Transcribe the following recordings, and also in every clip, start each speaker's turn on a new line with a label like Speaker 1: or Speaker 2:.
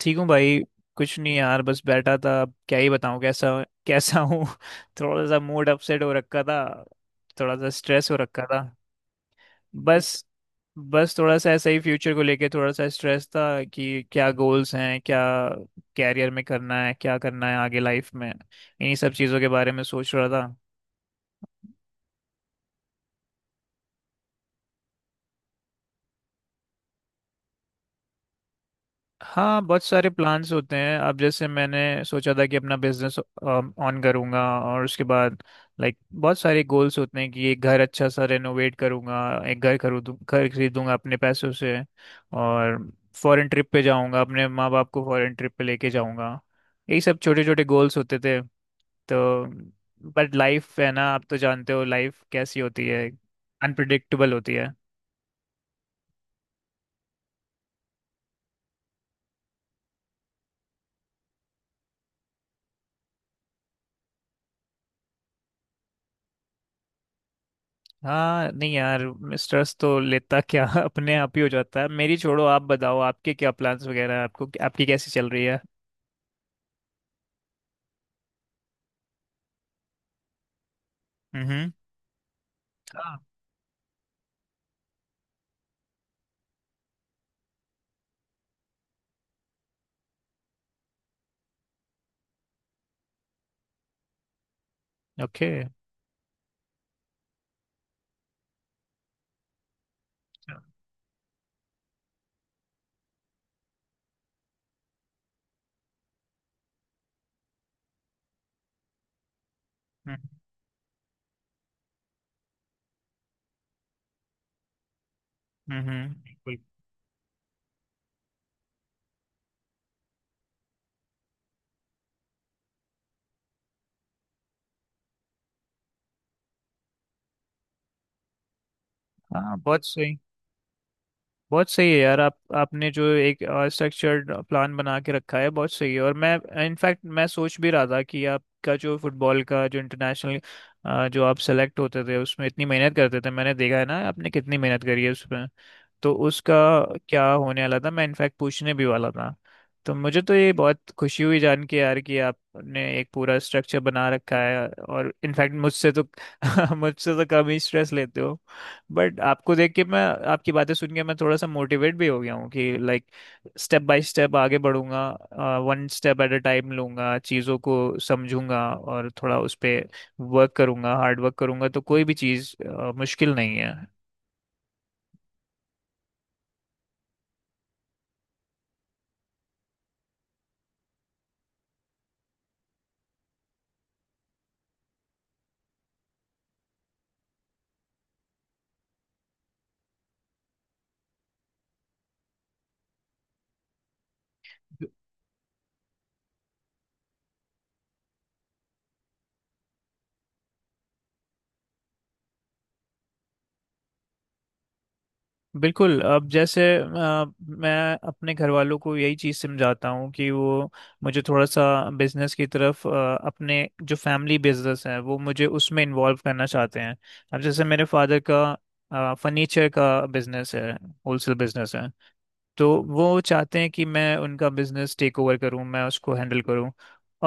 Speaker 1: ठीक हूँ भाई। कुछ नहीं यार, बस बैठा था। अब क्या ही बताऊँ कैसा कैसा हूँ। थोड़ा सा मूड अपसेट हो रखा था। थोड़ा सा स्ट्रेस हो रखा था। बस बस थोड़ा सा ऐसा ही फ्यूचर को लेके थोड़ा सा स्ट्रेस था कि क्या गोल्स हैं, क्या कैरियर में करना है, क्या करना है आगे लाइफ में, इन्हीं सब चीज़ों के बारे में सोच रहा था। हाँ, बहुत सारे प्लान्स होते हैं। अब जैसे मैंने सोचा था कि अपना बिजनेस ऑन करूँगा, और उसके बाद लाइक बहुत सारे गोल्स होते हैं कि एक घर अच्छा सा रेनोवेट करूँगा, एक घर खरीदूँ घर खरीदूँगा अपने पैसों से, और फॉरेन ट्रिप पे जाऊँगा, अपने माँ बाप को फॉरेन ट्रिप पे लेके जाऊँगा। यही सब छोटे छोटे गोल्स होते थे। तो बट लाइफ है ना, आप तो जानते हो लाइफ कैसी होती है, अनप्रडिक्टेबल होती है। हाँ नहीं यार, स्ट्रेस तो लेता क्या अपने आप ही हो जाता है। मेरी छोड़ो, आप बताओ आपके क्या प्लान्स वगैरह हैं, आपको आपकी कैसी चल रही है। हम्म। हाँ। ओके। हम्म। हम्म। बिल्कुल। हाँ, बहुत सही। बहुत सही है यार, आप आपने जो एक स्ट्रक्चर्ड प्लान बना के रखा है बहुत सही है। और मैं इनफैक्ट मैं सोच भी रहा था कि आपका जो फुटबॉल का जो इंटरनेशनल जो आप सेलेक्ट होते थे, उसमें इतनी मेहनत करते थे, मैंने देखा है ना, आपने कितनी मेहनत करी है उसमें। तो उसका क्या होने वाला था, मैं इनफैक्ट पूछने भी वाला था। तो मुझे तो ये बहुत खुशी हुई जान के यार, कि आपने एक पूरा स्ट्रक्चर बना रखा है, और इनफैक्ट मुझसे तो मुझसे तो कम ही स्ट्रेस लेते हो। बट आपको देख के मैं, आपकी बातें सुन के मैं थोड़ा सा मोटिवेट भी हो गया हूँ कि लाइक स्टेप बाय स्टेप आगे बढ़ूंगा, one step at a time लूंगा चीज़ों को, समझूंगा और थोड़ा उस पे वर्क करूंगा, हार्ड वर्क करूंगा, तो कोई भी चीज़ मुश्किल नहीं है। बिल्कुल। अब जैसे मैं अपने घर वालों को यही चीज़ समझाता हूँ कि वो मुझे थोड़ा सा बिजनेस की तरफ, अपने जो फैमिली बिजनेस है वो मुझे उसमें इन्वॉल्व करना चाहते हैं। अब जैसे मेरे फादर का फर्नीचर का बिजनेस है, होलसेल बिजनेस है। तो वो चाहते हैं कि मैं उनका बिजनेस टेक ओवर करूं, मैं उसको हैंडल करूं।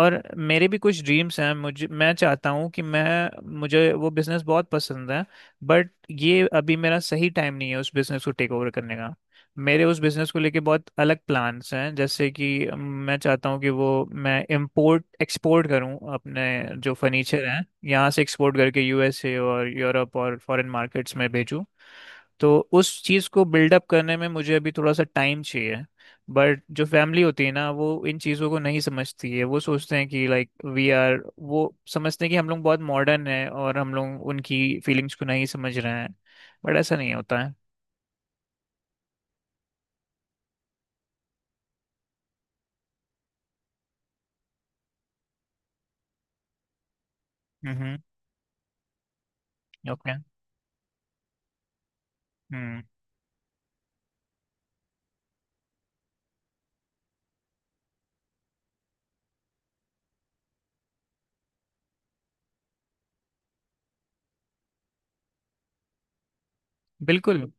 Speaker 1: और मेरे भी कुछ ड्रीम्स हैं, मुझे मैं चाहता हूं कि मैं मुझे वो बिजनेस बहुत पसंद है। बट ये अभी मेरा सही टाइम नहीं है उस बिजनेस को टेक ओवर करने का। मेरे उस बिजनेस को लेके बहुत अलग प्लान्स हैं, जैसे कि मैं चाहता हूं कि वो मैं इंपोर्ट एक्सपोर्ट करूं, अपने जो फर्नीचर हैं यहाँ से एक्सपोर्ट करके यूएसए और यूरोप और फॉरेन मार्केट्स में भेजूं। तो उस चीज़ को बिल्डअप करने में मुझे अभी थोड़ा सा टाइम चाहिए। बट जो फैमिली होती है ना, वो इन चीज़ों को नहीं समझती है, वो सोचते हैं कि लाइक वी आर, वो समझते हैं कि हम लोग बहुत मॉडर्न हैं और हम लोग उनकी फीलिंग्स को नहीं समझ रहे हैं। बट ऐसा नहीं होता है। हम्म। ओके। हम्म। बिल्कुल।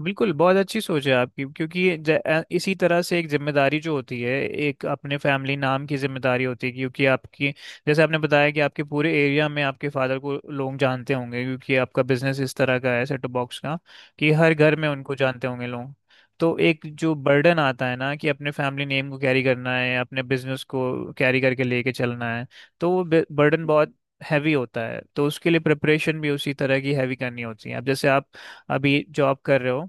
Speaker 1: बिल्कुल बहुत अच्छी सोच है आपकी, क्योंकि ये इसी तरह से एक जिम्मेदारी जो होती है, एक अपने फैमिली नाम की जिम्मेदारी होती है, क्योंकि आपकी, जैसे आपने बताया कि आपके पूरे एरिया में आपके फादर को लोग जानते होंगे, क्योंकि आपका बिजनेस इस तरह का है सेट टॉप बॉक्स का, कि हर घर में उनको जानते होंगे लोग। तो एक जो बर्डन आता है ना, कि अपने फैमिली नेम को कैरी करना है, अपने बिजनेस को कैरी करके लेके चलना है, तो वो बर्डन बहुत हैवी होता है, तो उसके लिए प्रिपरेशन भी उसी तरह की हैवी करनी होती है। अब जैसे आप अभी जॉब कर रहे हो,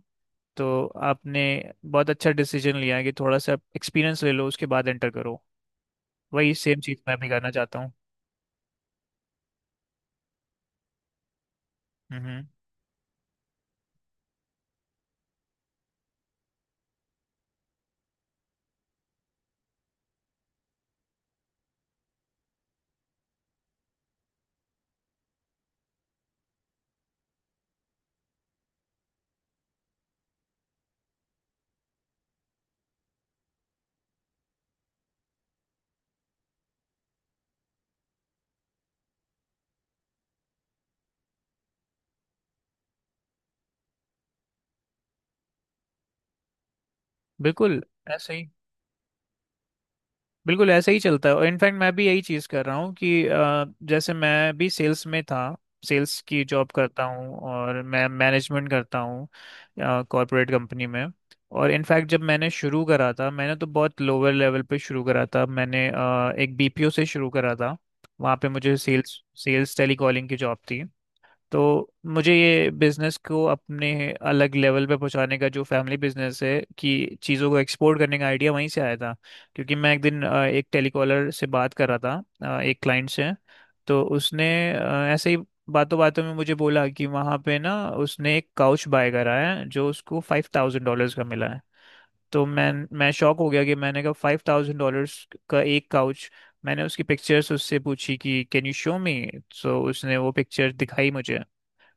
Speaker 1: तो आपने बहुत अच्छा डिसीजन लिया है कि थोड़ा सा एक्सपीरियंस ले लो उसके बाद एंटर करो। वही सेम चीज़ मैं भी करना चाहता हूँ। हम्म। बिल्कुल ऐसे ही बिल्कुल ऐसे ही चलता है। और इनफैक्ट मैं भी यही चीज़ कर रहा हूँ कि जैसे मैं भी सेल्स में था, सेल्स की जॉब करता हूँ और मैं मैनेजमेंट करता हूँ कॉर्पोरेट कंपनी में। और इनफैक्ट जब मैंने शुरू करा था, मैंने तो बहुत लोअर लेवल पे शुरू करा था, मैंने एक बीपीओ से शुरू करा था। वहाँ पे मुझे सेल्स सेल्स टेलीकॉलिंग की जॉब थी। तो मुझे ये बिजनेस को अपने अलग लेवल पे पहुंचाने का, जो फैमिली बिजनेस है, कि चीज़ों को एक्सपोर्ट करने का आइडिया वहीं से आया था। क्योंकि मैं एक दिन एक टेलीकॉलर से बात कर रहा था, एक क्लाइंट से, तो उसने ऐसे ही बातों बातों में मुझे बोला कि वहाँ पे ना उसने एक काउच बाय करा है जो उसको $5,000 का मिला है। तो मैं शॉक हो गया, कि मैंने कहा $5,000 का एक काउच। मैंने उसकी पिक्चर्स उससे पूछी कि can you show me, so उसने वो पिक्चर दिखाई मुझे।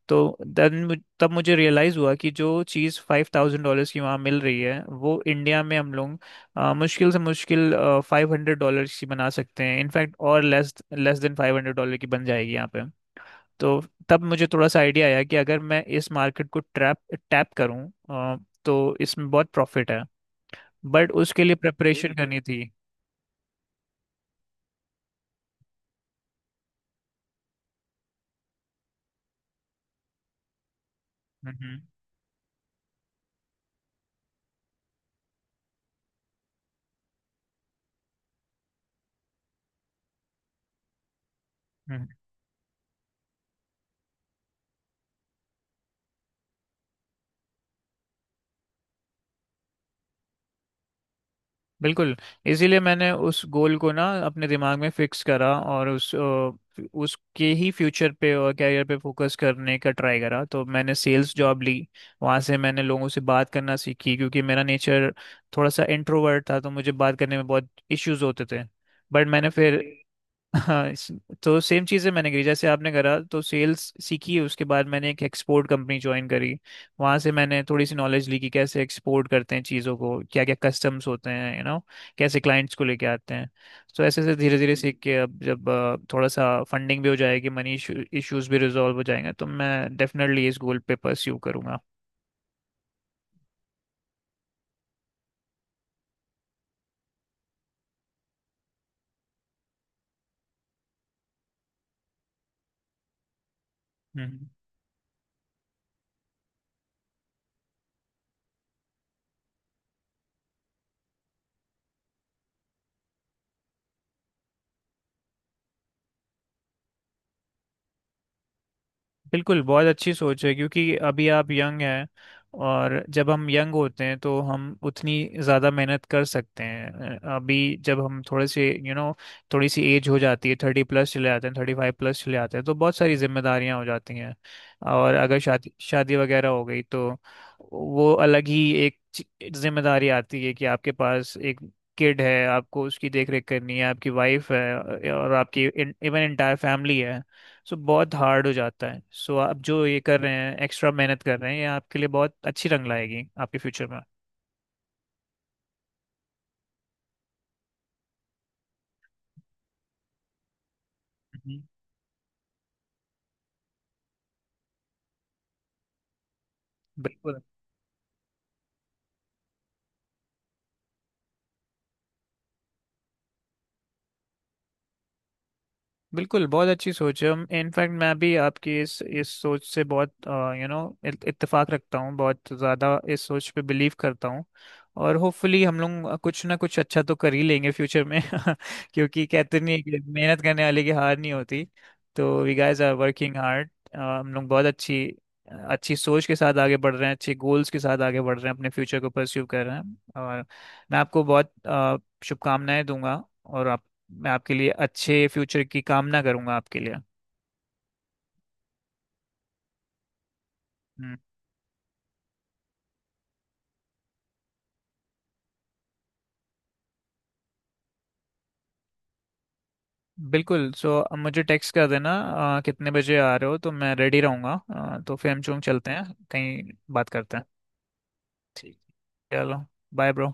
Speaker 1: तो देन तब मुझे रियलाइज़ हुआ कि जो चीज़ $5,000 की वहाँ मिल रही है, वो इंडिया में हम लोग मुश्किल से मुश्किल $500 की बना सकते हैं इनफैक्ट, और लेस लेस देन $500 की बन जाएगी यहाँ पे। तो तब मुझे थोड़ा सा आइडिया आया कि अगर मैं इस मार्केट को ट्रैप टैप करूँ, अ, तो इसमें बहुत प्रॉफिट है। बट उसके लिए ओके प्रेपरेशन करनी थी। हम्म। हम्म। बिल्कुल। इसीलिए मैंने उस गोल को ना अपने दिमाग में फिक्स करा, और उस उसके ही फ्यूचर पे और कैरियर पे फोकस करने का ट्राई करा। तो मैंने सेल्स जॉब ली, वहाँ से मैंने लोगों से बात करना सीखी, क्योंकि मेरा नेचर थोड़ा सा इंट्रोवर्ट था, तो मुझे बात करने में बहुत इश्यूज होते थे। बट मैंने फिर, हाँ, तो सेम चीज़ें मैंने करी जैसे आपने करा, तो सेल्स सीखी उसके बाद मैंने एक एक्सपोर्ट कंपनी ज्वाइन करी। वहाँ से मैंने थोड़ी सी नॉलेज ली कि कैसे एक्सपोर्ट करते हैं चीज़ों को, क्या क्या कस्टम्स होते हैं, कैसे क्लाइंट्स को लेके आते हैं। तो ऐसे ऐसे धीरे धीरे सीख के, अब जब थोड़ा सा फंडिंग भी हो जाएगी, मनी इश्यूज भी रिजॉल्व हो जाएंगे, तो मैं डेफिनेटली इस गोल पे परस्यू करूंगा। हम्म। बिल्कुल बहुत अच्छी सोच है क्योंकि अभी आप यंग हैं, और जब हम यंग होते हैं तो हम उतनी ज़्यादा मेहनत कर सकते हैं। अभी जब हम थोड़े से यू नो थोड़ी सी एज हो जाती है, 30+ चले जाते हैं, 35+ चले जाते हैं, तो बहुत सारी जिम्मेदारियां हो जाती हैं। और अगर शादी शादी वगैरह हो गई तो वो अलग ही एक जिम्मेदारी आती है, कि आपके पास एक किड है, आपको उसकी देख रेख करनी है, आपकी वाइफ है और आपकी इवन एंटायर फैमिली है। सो बहुत हार्ड हो जाता है, सो आप जो ये कर रहे हैं, एक्स्ट्रा मेहनत कर रहे हैं, ये आपके लिए बहुत अच्छी रंग लाएगी आपके फ्यूचर में। हम्म। बिल्कुल। बिल्कुल बहुत अच्छी सोच है। इनफैक्ट मैं भी आपकी इस सोच से बहुत यू नो इत्तेफाक रखता हूँ, बहुत ज़्यादा इस सोच पे बिलीव करता हूँ। और होपफुली हम लोग कुछ ना कुछ अच्छा तो कर ही लेंगे फ्यूचर में। क्योंकि कहते नहीं हैं कि मेहनत करने वाले की हार नहीं होती। तो we guys are working hard, हम लोग बहुत अच्छी अच्छी सोच के साथ आगे बढ़ रहे हैं, अच्छे गोल्स के साथ आगे बढ़ रहे हैं, अपने फ्यूचर को परस्यू कर रहे हैं। और मैं आपको बहुत शुभकामनाएं दूंगा, और आप मैं आपके लिए अच्छे फ्यूचर की कामना करूंगा आपके लिए। हम्म। बिल्कुल। सो अब मुझे टेक्स्ट कर देना कितने बजे आ रहे हो, तो मैं रेडी रहूंगा, तो फिर हम चलते हैं कहीं बात करते हैं। ठीक। चलो, बाय ब्रो।